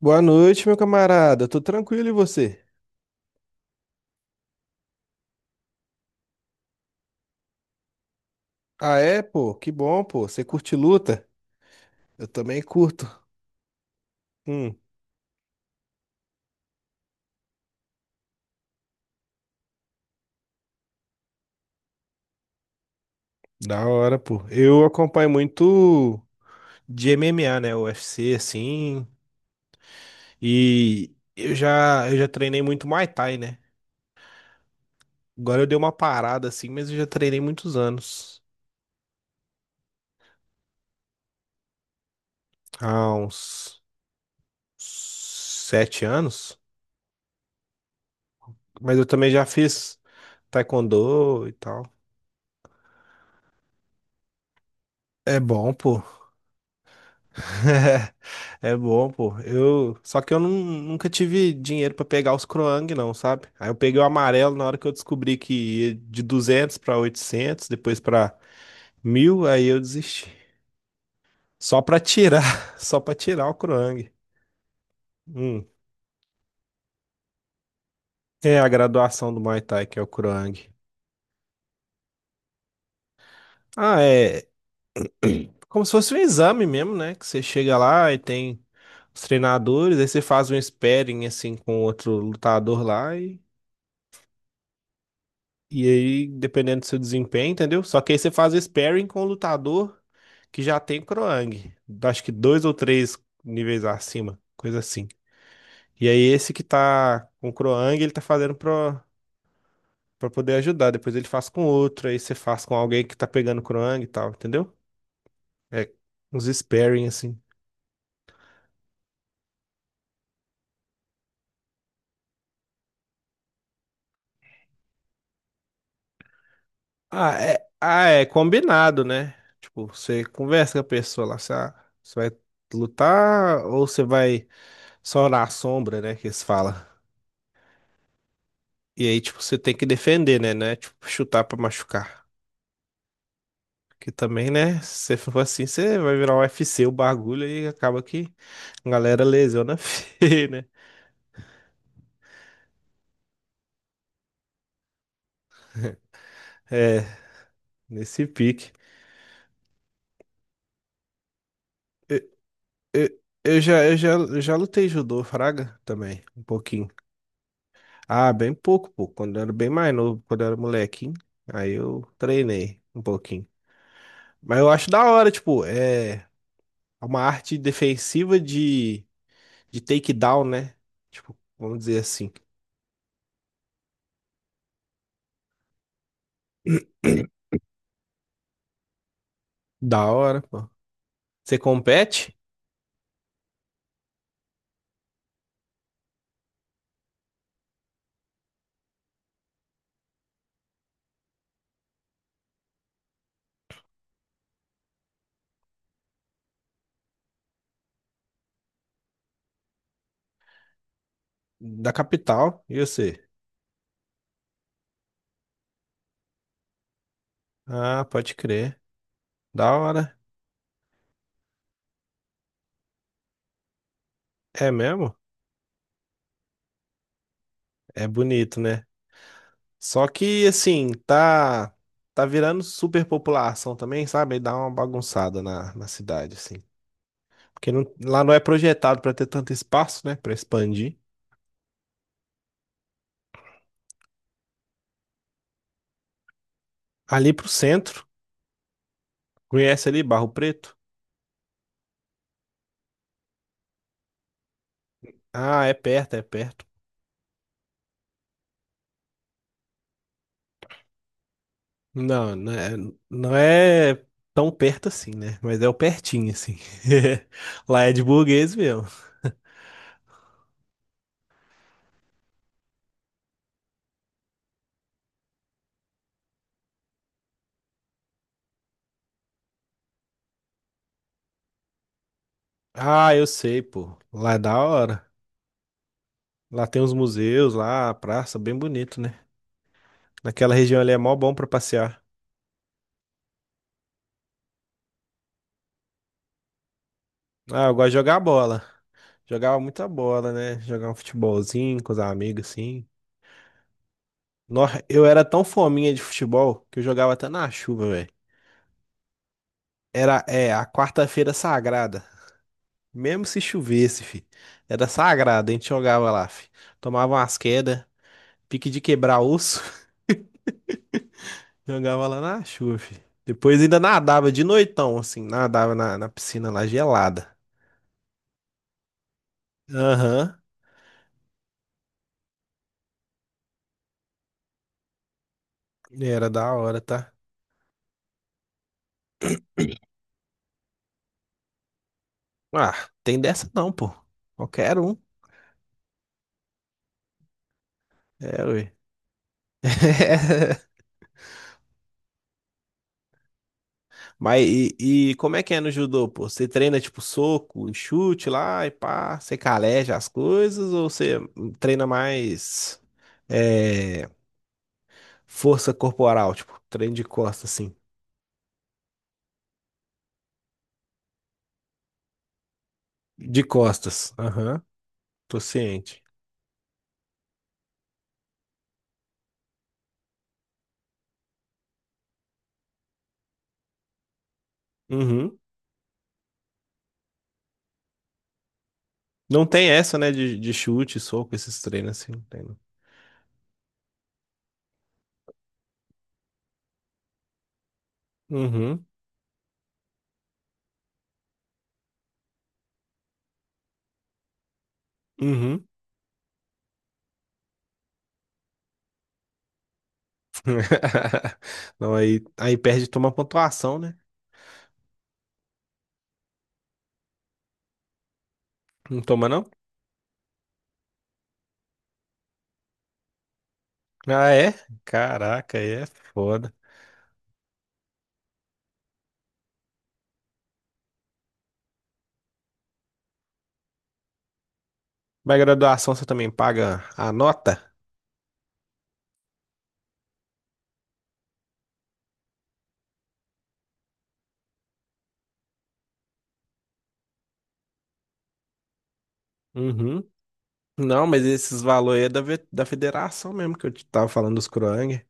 Boa noite, meu camarada. Tô tranquilo e você? Ah, é, pô? Que bom, pô. Você curte luta? Eu também curto. Hum, Da hora, pô. Eu acompanho muito de MMA, né? UFC, assim. E eu já treinei muito Muay Thai, né? Agora eu dei uma parada, assim, mas eu já treinei muitos anos. Há uns 7 anos. Mas eu também já fiz Taekwondo e tal. É bom, pô. É bom, pô. Só que eu nunca tive dinheiro pra pegar os Croang, não, sabe? Aí eu peguei o amarelo na hora que eu descobri que ia de 200 pra 800, depois pra 1.000, aí eu desisti. Só pra tirar, só pra tirar o Croang. Hum. É a graduação do Muay Thai que é o Croang. Ah, é como se fosse um exame mesmo, né? Que você chega lá e tem os treinadores, aí você faz um sparring assim com outro lutador lá E aí, dependendo do seu desempenho, entendeu? Só que aí você faz sparring com o lutador que já tem croang. Acho que dois ou três níveis acima, coisa assim. E aí, esse que tá com croang ele tá fazendo pra poder ajudar. Depois ele faz com outro, aí você faz com alguém que tá pegando croang e tal, entendeu? É uns sparring assim. Ah, é combinado, né? Tipo, você conversa com a pessoa lá, você vai lutar ou você vai só na sombra, né? Que eles falam. E aí, tipo, você tem que defender, né? Tipo, chutar pra machucar. Que também, né? Se você for assim, você vai virar um UFC o bagulho e acaba que a galera lesiona feio, né? É, nesse pique. Eu, eu já lutei judô, fraga, também, um pouquinho. Ah, bem pouco, pô. Quando eu era bem mais novo, quando eu era molequinho. Aí eu treinei um pouquinho. Mas eu acho da hora, tipo, é uma arte defensiva de takedown, né? Tipo, vamos dizer assim. Da hora, pô. Você compete? Da capital. E você? Ah, pode crer. Da hora. É mesmo? É bonito, né? Só que, assim, tá. Tá virando superpopulação também, sabe? Aí dá uma bagunçada na cidade, assim. Porque lá não é projetado pra ter tanto espaço, né? Pra expandir. Ali pro centro. Conhece ali Barro Preto? Ah, é perto, é perto. Não, não é tão perto assim, né? Mas é o pertinho, assim. Lá é de burguês mesmo. Ah, eu sei, pô. Lá é da hora. Lá tem uns museus, lá, a praça, bem bonito, né? Naquela região ali é mó bom pra passear. Ah, eu gosto de jogar bola. Jogava muita bola, né? Jogar um futebolzinho com os amigos, assim. Nossa, eu era tão fominha de futebol que eu jogava até na chuva, velho. É, a quarta-feira sagrada. Mesmo se chovesse, fi. Era sagrado, a gente jogava lá, fi. Tomava umas quedas, pique de quebrar osso, jogava lá na chuva, fi. Depois ainda nadava de noitão, assim, nadava na piscina lá gelada. Aham, era da hora, tá? Ah, tem dessa não, pô. Qualquer um. É, ué. Mas e como é que é no judô, pô? Você treina tipo soco, chute lá e pá, você caleja as coisas ou você treina mais. É força corporal, tipo, treino de costas, assim. De costas. Aham, tô ciente. Uhum. Não tem essa, né, de chute, soco, esses treinos assim, não tem, não. Uhum, uhum. Não, aí perde e toma pontuação, né? Não toma, não? Ah, é? Caraca, aí é foda. Mas graduação você também paga a nota? Uhum. Não, mas esses valores aí é da federação mesmo, que eu te tava falando dos Kroang.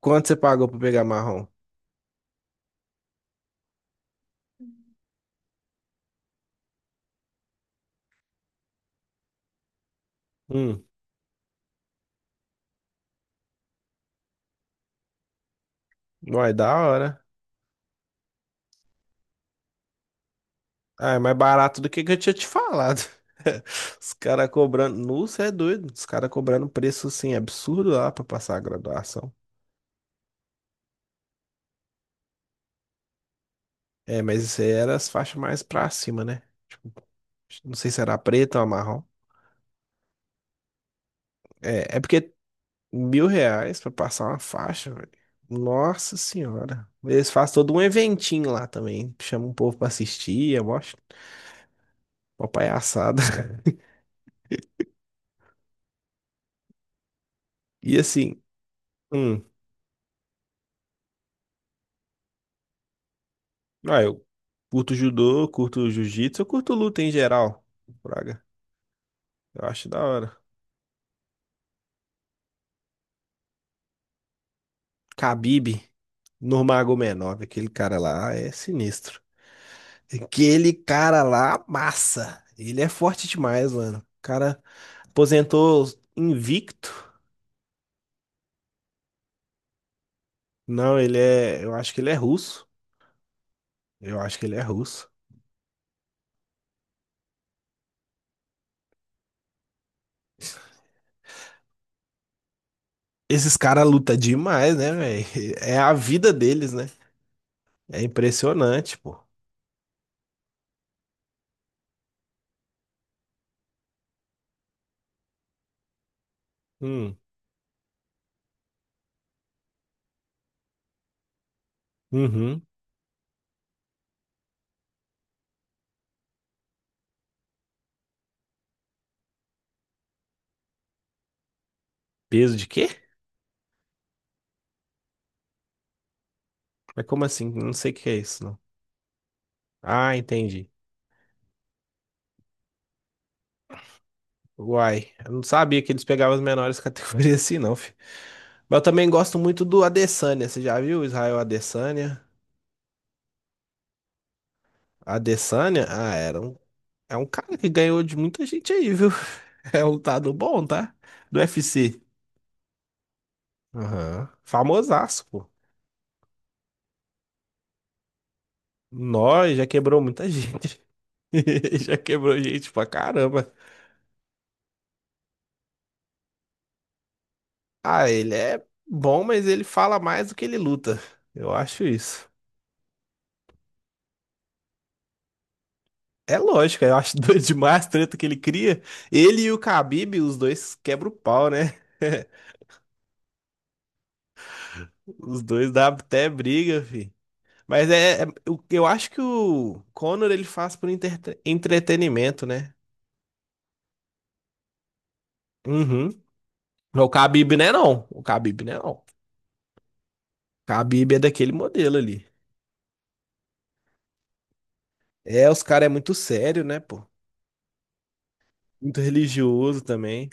Quanto você pagou pra pegar marrom? Hum, Vai da hora. Ah, é mais barato do que eu tinha te falado. Os caras cobrando. Nossa, é doido. Os caras cobrando um preço assim absurdo lá pra passar a graduação. É, mas isso aí era as faixas mais pra cima, né? Tipo, não sei se era preta ou marrom. É, porque R$ 1.000 pra passar uma faixa, velho. Nossa senhora. Eles fazem todo um eventinho lá também. Chamam o povo pra assistir, eu acho. Uma palhaçada. E assim, hum, eu curto judô, curto jiu-jitsu, eu curto luta em geral. Braga. Eu acho da hora. Khabib, Nurmagomedov, aquele cara lá é sinistro. Aquele cara lá, massa. Ele é forte demais, mano. O cara aposentou invicto. Não, ele é. Eu acho que ele é russo. Eu acho que ele é russo. Esses caras lutam demais, né, velho? É a vida deles, né? É impressionante, pô. Hum, uhum. Peso de quê? Mas como assim? Não sei o que é isso, não. Ah, entendi. Uai, eu não sabia que eles pegavam as menores categorias assim, não, filho. Mas eu também gosto muito do Adesanya. Você já viu o Israel Adesanya? Adesanya? Ah, é um cara que ganhou de muita gente aí, viu? É um lutador bom, tá? Do UFC. Aham. Famosaço, pô. Nós já quebrou muita gente. Já quebrou gente pra caramba. Ah, ele é bom, mas ele fala mais do que ele luta. Eu acho isso. É lógico, eu acho doido demais a treta que ele cria. Ele e o Khabib, os dois quebram o pau, né? Os dois dá até briga, fi. Mas eu acho que o Conor ele faz por entretenimento, né? Uhum. O Khabib né? Não. O Khabib não é não. O Khabib é daquele modelo ali. É, os caras é muito sério, né, pô? Muito religioso também.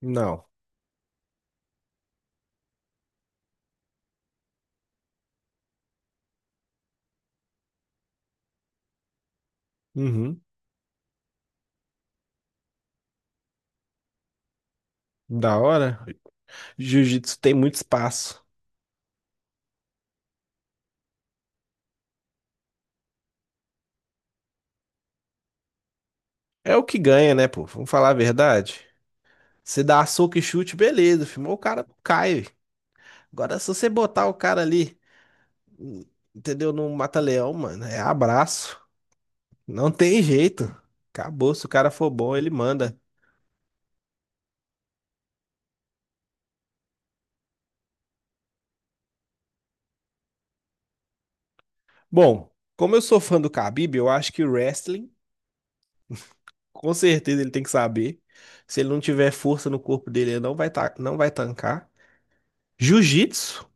Não. Uhum. Da hora. Jiu-jitsu tem muito espaço. É o que ganha, né, pô? Vamos falar a verdade. Você dá soco e chute, beleza, filmou, o cara cai, velho. Agora, se você botar o cara ali, entendeu? No mata-leão, mano, é abraço. Não tem jeito. Acabou. Se o cara for bom, ele manda. Bom, como eu sou fã do Khabib, eu acho que o wrestling, com certeza ele tem que saber. Se ele não tiver força no corpo dele, ele não vai, não vai tancar. Jiu-jitsu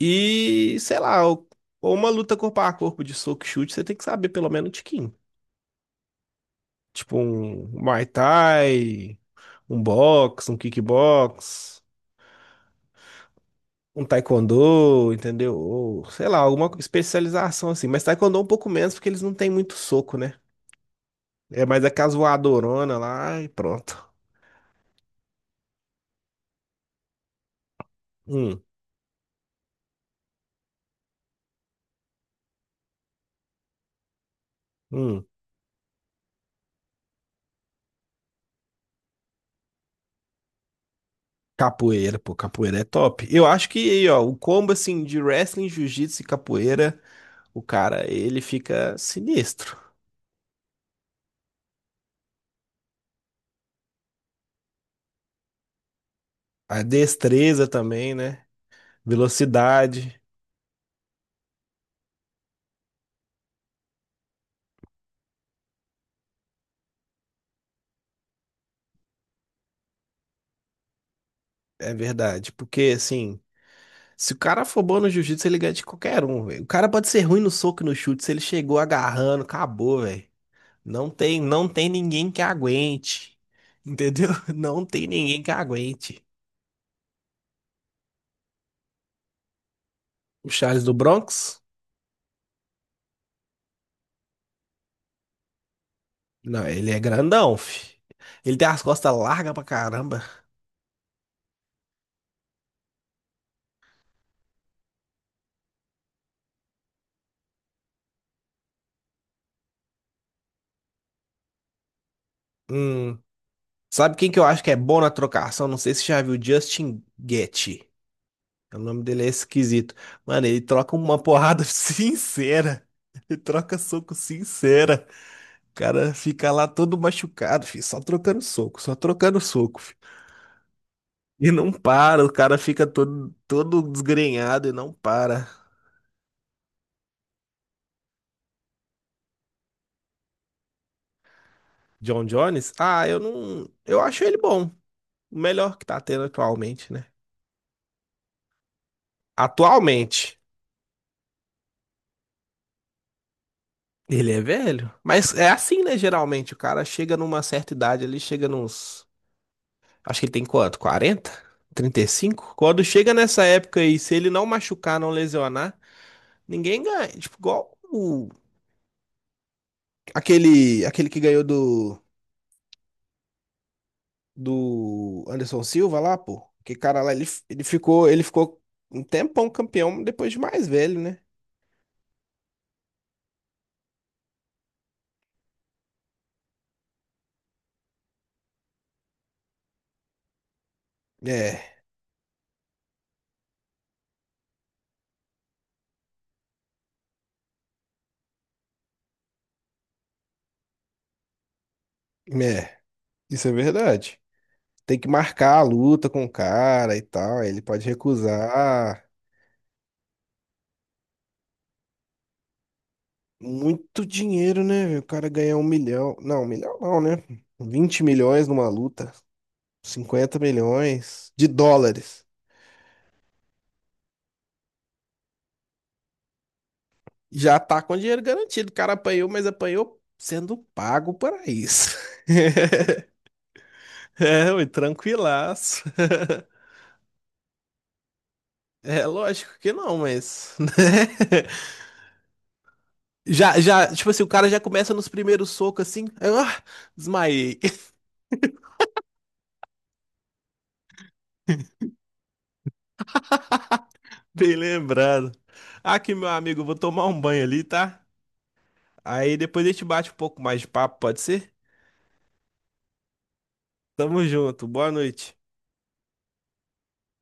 e, sei lá, ou uma luta corpo a corpo de soco e chute, você tem que saber pelo menos um tiquinho. Tipo um Muay Thai, um box, um kickbox, um taekwondo, entendeu? Ou, sei lá, alguma especialização assim. Mas taekwondo é um pouco menos, porque eles não têm muito soco, né? É mais aquelas voadorona lá e pronto. Hum, hum. Capoeira, pô, capoeira é top. Eu acho que aí, ó, o combo assim de wrestling, jiu-jitsu e capoeira, o cara, ele fica sinistro. A destreza também, né? Velocidade, é verdade. Porque assim. Se o cara for bom no jiu-jitsu, ele ganha de qualquer um, velho. O cara pode ser ruim no soco e no chute, se ele chegou agarrando, acabou, velho. Não tem ninguém que aguente. Entendeu? Não tem ninguém que aguente. O Charles do Bronx? Não, ele é grandão, fi. Ele tem as costas largas pra caramba. Hum. Sabe quem que eu acho que é bom na trocação? Não sei se você já viu Justin Gaethje. O nome dele é esquisito. Mano, ele troca uma porrada sincera. Ele troca soco sincera. Cara fica lá todo machucado, filho, só trocando soco, filho. E não para, o cara fica todo, todo desgrenhado e não para. John Jones? Ah, eu não. Eu acho ele bom. O melhor que tá tendo atualmente, né? Atualmente. Ele é velho. Mas é assim, né? Geralmente, o cara chega numa certa idade, ele chega nos. Acho que ele tem quanto? 40, 35? Quando chega nessa época aí, se ele não machucar, não lesionar, ninguém ganha. Tipo, igual o Aquele que ganhou do Anderson Silva lá, pô. Que cara lá, ele ficou um tempão campeão depois de mais velho, né? É, é, isso é verdade. Tem que marcar a luta com o cara e tal. Ele pode recusar. Muito dinheiro, né, velho? O cara ganhar 1 milhão. Não, 1 milhão não, né? 20 milhões numa luta. US$ 50 milhões. Já tá com dinheiro garantido. O cara apanhou, mas apanhou sendo pago para isso. É, ui, tranquilaço. É lógico que não, mas, né? Já, já, tipo assim, o cara já começa nos primeiros socos assim. Aí, ah, desmaiei. Bem lembrado. Aqui, meu amigo, eu vou tomar um banho ali, tá? Aí depois a gente bate um pouco mais de papo, pode ser? Tamo junto, boa noite.